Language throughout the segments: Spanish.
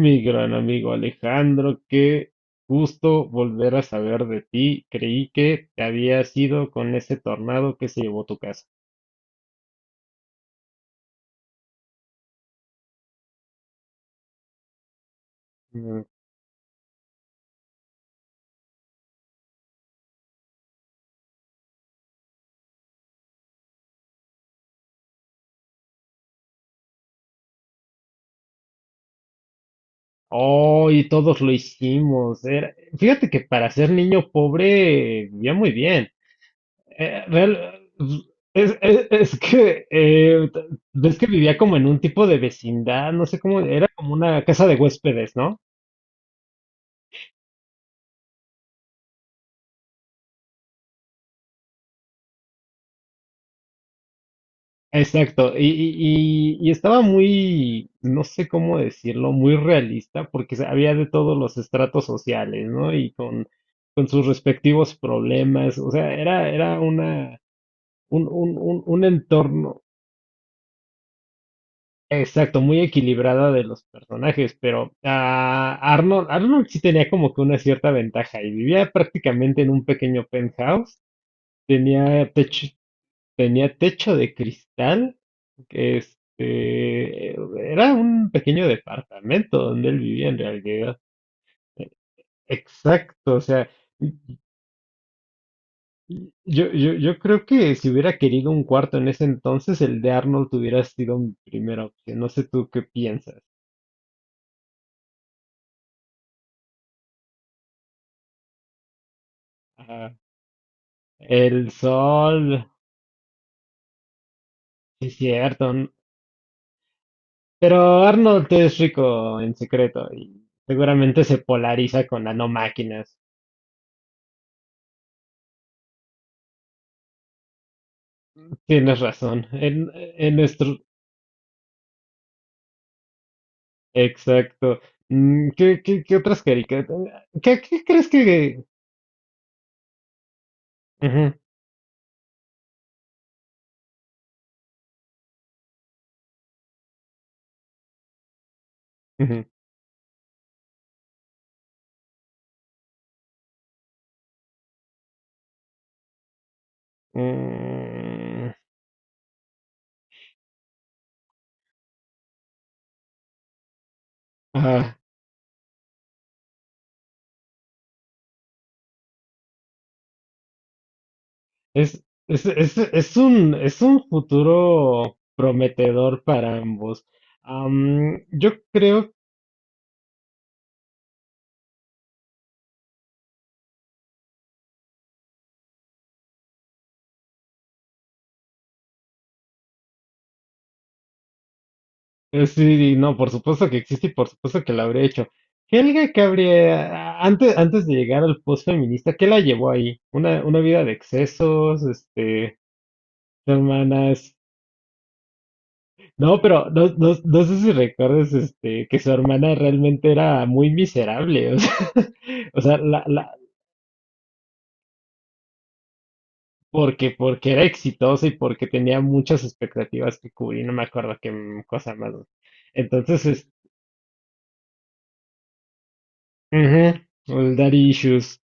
Mi gran amigo Alejandro, qué gusto volver a saber de ti. Creí que te habías ido con ese tornado que se llevó tu casa. Mm. Oh, y todos lo hicimos. Fíjate que para ser niño pobre vivía muy bien. Eh, real- es, es- es que, eh, Ves que vivía como en un tipo de vecindad, no sé cómo, era como una casa de huéspedes, ¿no? Exacto, y estaba muy, no sé cómo decirlo, muy realista, había de todos los estratos sociales, ¿no? Con sus respectivos problemas, o sea, era una, un entorno, exacto, muy equilibrada de los personajes, pero Arnold, Arnold sí tenía como que una cierta ventaja y vivía prácticamente en un pequeño penthouse, tenía techo. Tenía techo de cristal. que, Este, Era un pequeño departamento donde él vivía en realidad. Exacto, o sea, y- y- yo creo que si hubiera querido un cuarto en ese entonces, el de Arnold hubiera sido mi primera opción. No sé tú qué piensas. Ajá. El sol, sí es cierto. Pero Arnold es rico en secreto y seguramente se polariza con nanomáquinas. Tienes razón. En nuestro exacto. Mm, ¿qué, qué otras caricaturas? ¿Qué, qué crees que...? Ujú, ujú. Mm, ah, es, es un futuro prometedor para ambos. Yo creo, sí, no, por supuesto que existe y por supuesto que lo habría hecho. Helga, que habría, antes de llegar al post feminista, ¿qué la llevó ahí? Una vida de excesos, hermanas. No, pero no sé si recuerdas este, que su hermana realmente era muy miserable, o sea, o sea, la, porque era exitosa y porque tenía muchas expectativas que cubrir, no me acuerdo qué cosa más. Entonces, es, ujú, el daddy issues.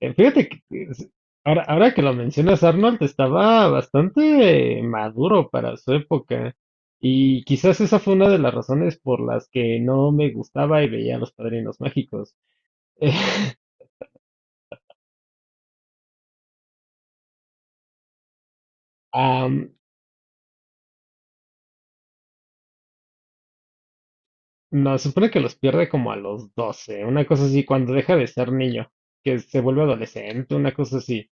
Fíjate que es- Ahora, ahora que lo mencionas, Arnold estaba bastante maduro para su época. Y quizás esa fue una de las razones por las que no me gustaba y veía a los Padrinos Mágicos. Am, no, se supone que los pierde como a los 12 una cosa así, cuando deja de ser niño, que se vuelve adolescente, una cosa así.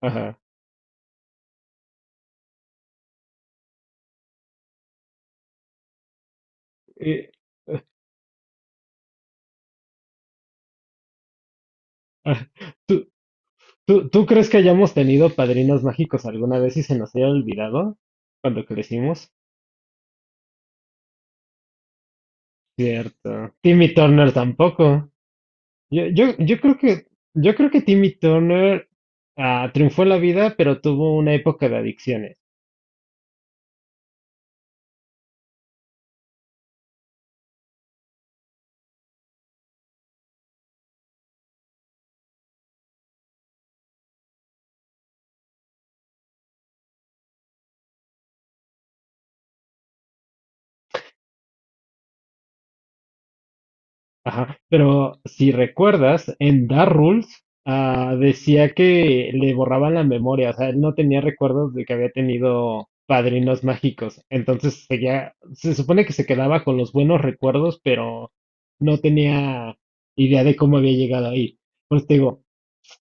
Ajá. Y- ah, ¿Tú, tú crees que hayamos tenido padrinos mágicos alguna vez y se nos haya olvidado cuando crecimos? Cierto. Timmy Turner tampoco. Yo creo que, yo creo que Timmy Turner triunfó en la vida, pero tuvo una época de adicciones. Ajá, pero si recuerdas, en Dark Rules decía que le borraban la memoria, o sea, él no tenía recuerdos de que había tenido padrinos mágicos, entonces seguía, se supone que se quedaba con los buenos recuerdos, pero no tenía idea de cómo había llegado ahí. Por eso te digo,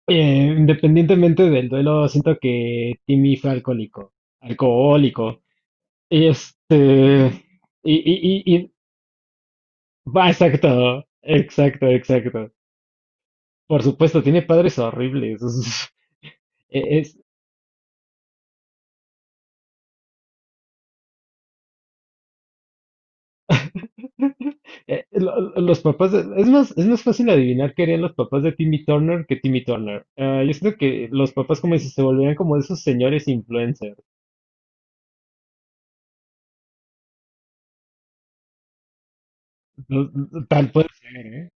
independientemente del duelo, siento que Timmy fue alcohólico, alcohólico, este, y, y, y, y- va, exacto, exacto, exacto. Por supuesto, tiene padres horribles. Es, eh, lo- los papás de- es más fácil adivinar qué harían los papás de Timmy Turner que Timmy Turner. Ah, yo siento que los papás como si se volvieran como esos señores influencers. Los- Tal puede ser, ¿eh?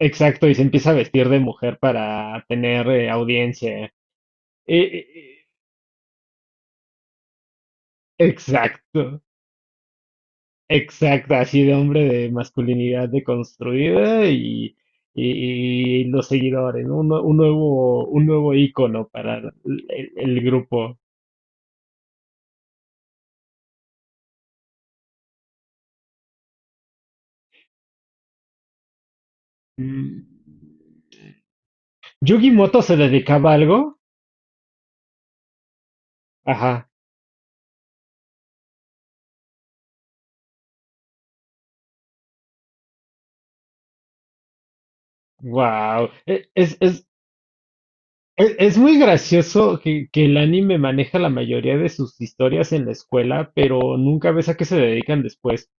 Exacto, y se empieza a vestir de mujer para tener audiencia. Eh, eh, exacto. Exacto, así de hombre de masculinidad deconstruida y, y los seguidores, ¿no? Un nuevo ícono para el, el grupo. Mm. Yugi Moto se dedicaba a algo. Ajá. Wow. Es muy gracioso que el anime maneja la mayoría de sus historias en la escuela, pero nunca ves a qué se dedican después.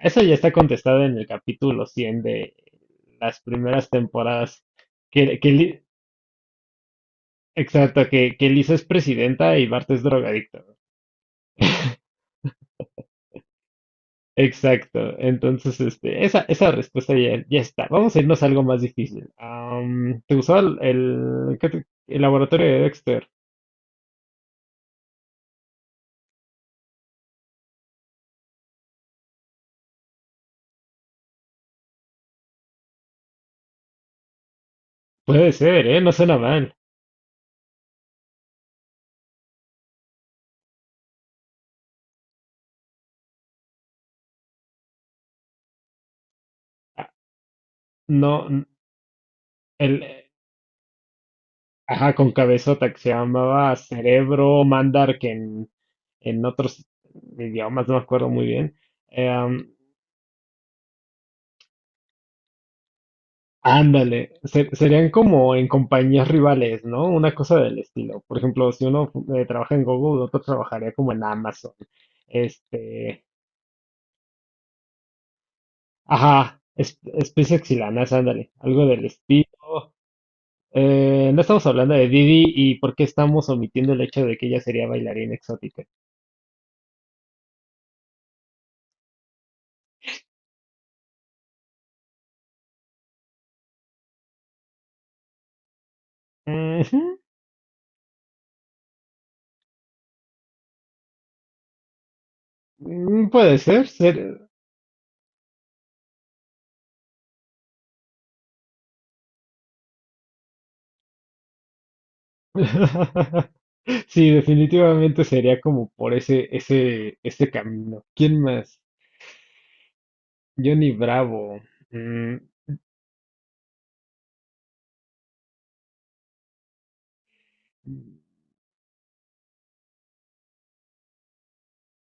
Eso ya está contestado en el capítulo 100 de las primeras temporadas. Que, que Li- exacto, que Lisa es presidenta y Bart es drogadicto. Exacto. Entonces, esa respuesta ya, ya está. Vamos a irnos a algo más difícil. ¿Te gustó el laboratorio de Dexter? Puede ser, ¿eh? No suena mal. Ah, No, n- el, Ajá, con cabezota que se llamaba Cerebro Mandar, en otros idiomas no me acuerdo muy bien. Eh, am, ándale, serían como en compañías rivales, ¿no? Una cosa del estilo. Por ejemplo, si uno trabaja en Google, otro trabajaría como en Amazon. Este, ajá, es- SpaceX y la NASA, ándale, algo del estilo. No estamos hablando de Didi y por qué estamos omitiendo el hecho de que ella sería bailarina exótica. Ujú. Mm, Sí, definitivamente sería como por ese, ese camino. ¿Quién más? Johnny Bravo. Mm.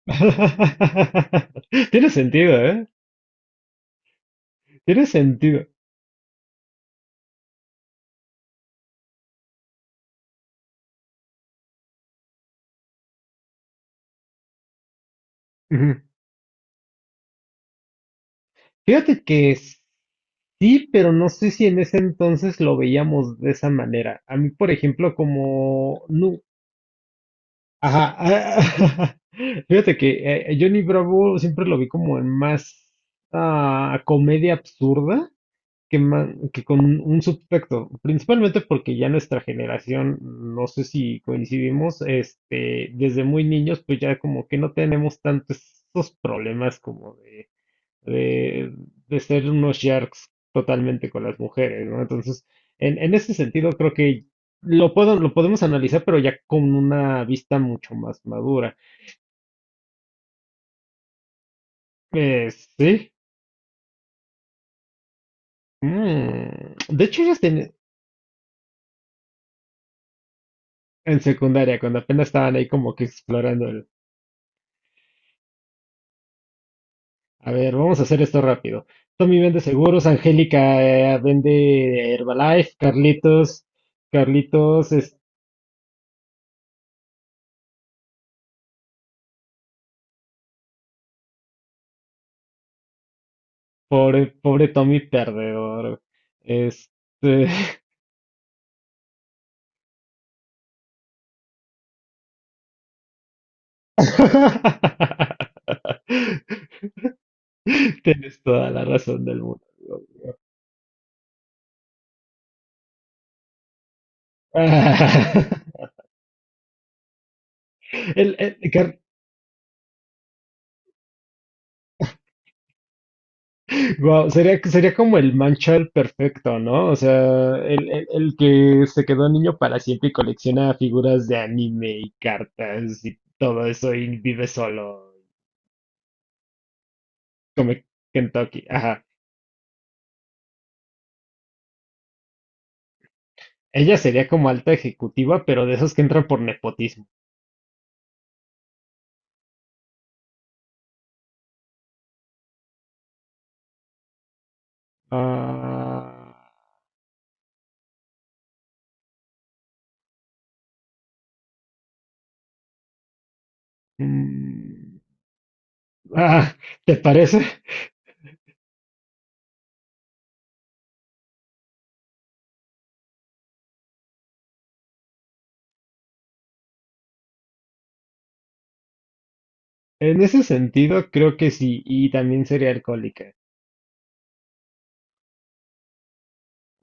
Tiene sentido, ¿eh? Tiene sentido. Ujú. Fíjate que sí, pero no sé si en ese entonces lo veíamos de esa manera. A mí, por ejemplo, como... No, ajá, ah, Fíjate que Johnny Bravo siempre lo vi como en más comedia absurda. Que con un subtexto, principalmente porque ya nuestra generación, no sé si coincidimos, este, desde muy niños, pues ya como que no tenemos tantos esos problemas como de, de ser unos sharks totalmente con las mujeres, ¿no? Entonces, en ese sentido, creo que lo puedo, lo podemos analizar, pero ya con una vista mucho más madura. Eh, sí. Mm, de hecho, ellas en secundaria, cuando apenas estaban ahí como que explorando. A ver, vamos a hacer esto rápido. Tommy vende seguros, Angélica vende Herbalife, Carlitos, Carlitos es pobre, pobre Tommy perdedor. Este... Tienes toda la razón del mundo, amigo. El, el- Car- Wow, sería como el Manchal perfecto, ¿no? O sea, el, el que se quedó niño para siempre y colecciona figuras de anime y cartas y todo eso y vive solo, come Kentucky. Ajá. Ella sería como alta ejecutiva, pero de esos que entran por nepotismo. Ah, mm, ah, ¿te parece? En ese sentido, creo que sí, y también sería alcohólica.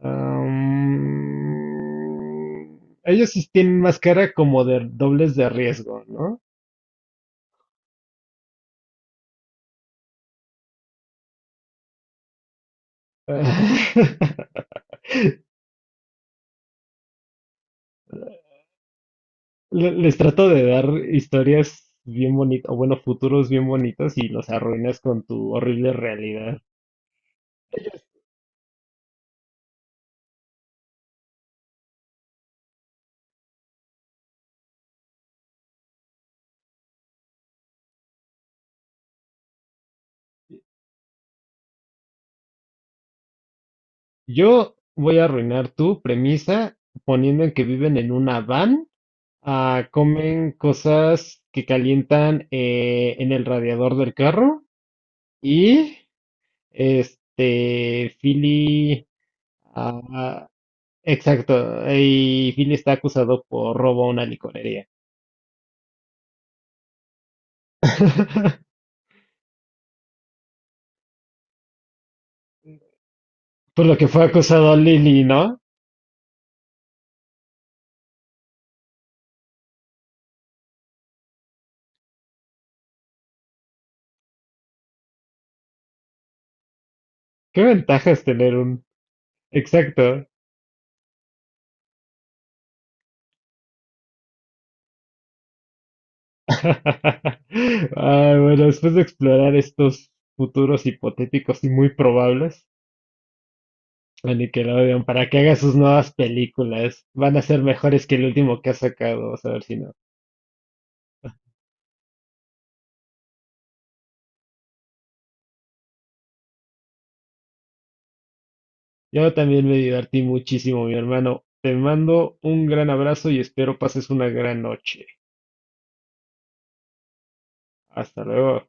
Ellos sí tienen más cara como de dobles de riesgo, ¿no? Les trato de dar historias bien bonitas, o bueno, futuros bien bonitos y los arruinas con tu horrible realidad. Yo voy a arruinar tu premisa poniendo en que viven en una van, comen cosas que calientan en el radiador del carro y Philly ah, exacto, y Billy está acusado por robo a una licorería. Por lo que fue acusado Lily, ¿no? ¿Qué ventaja es tener un... Exacto. Ah, bueno, después de explorar estos futuros hipotéticos y muy probables a Nickelodeon para que haga sus nuevas películas, van a ser mejores que el último que ha sacado, vamos a ver si no. Yo también me divertí muchísimo, mi hermano. Te mando un gran abrazo y espero pases una gran noche. Hasta luego.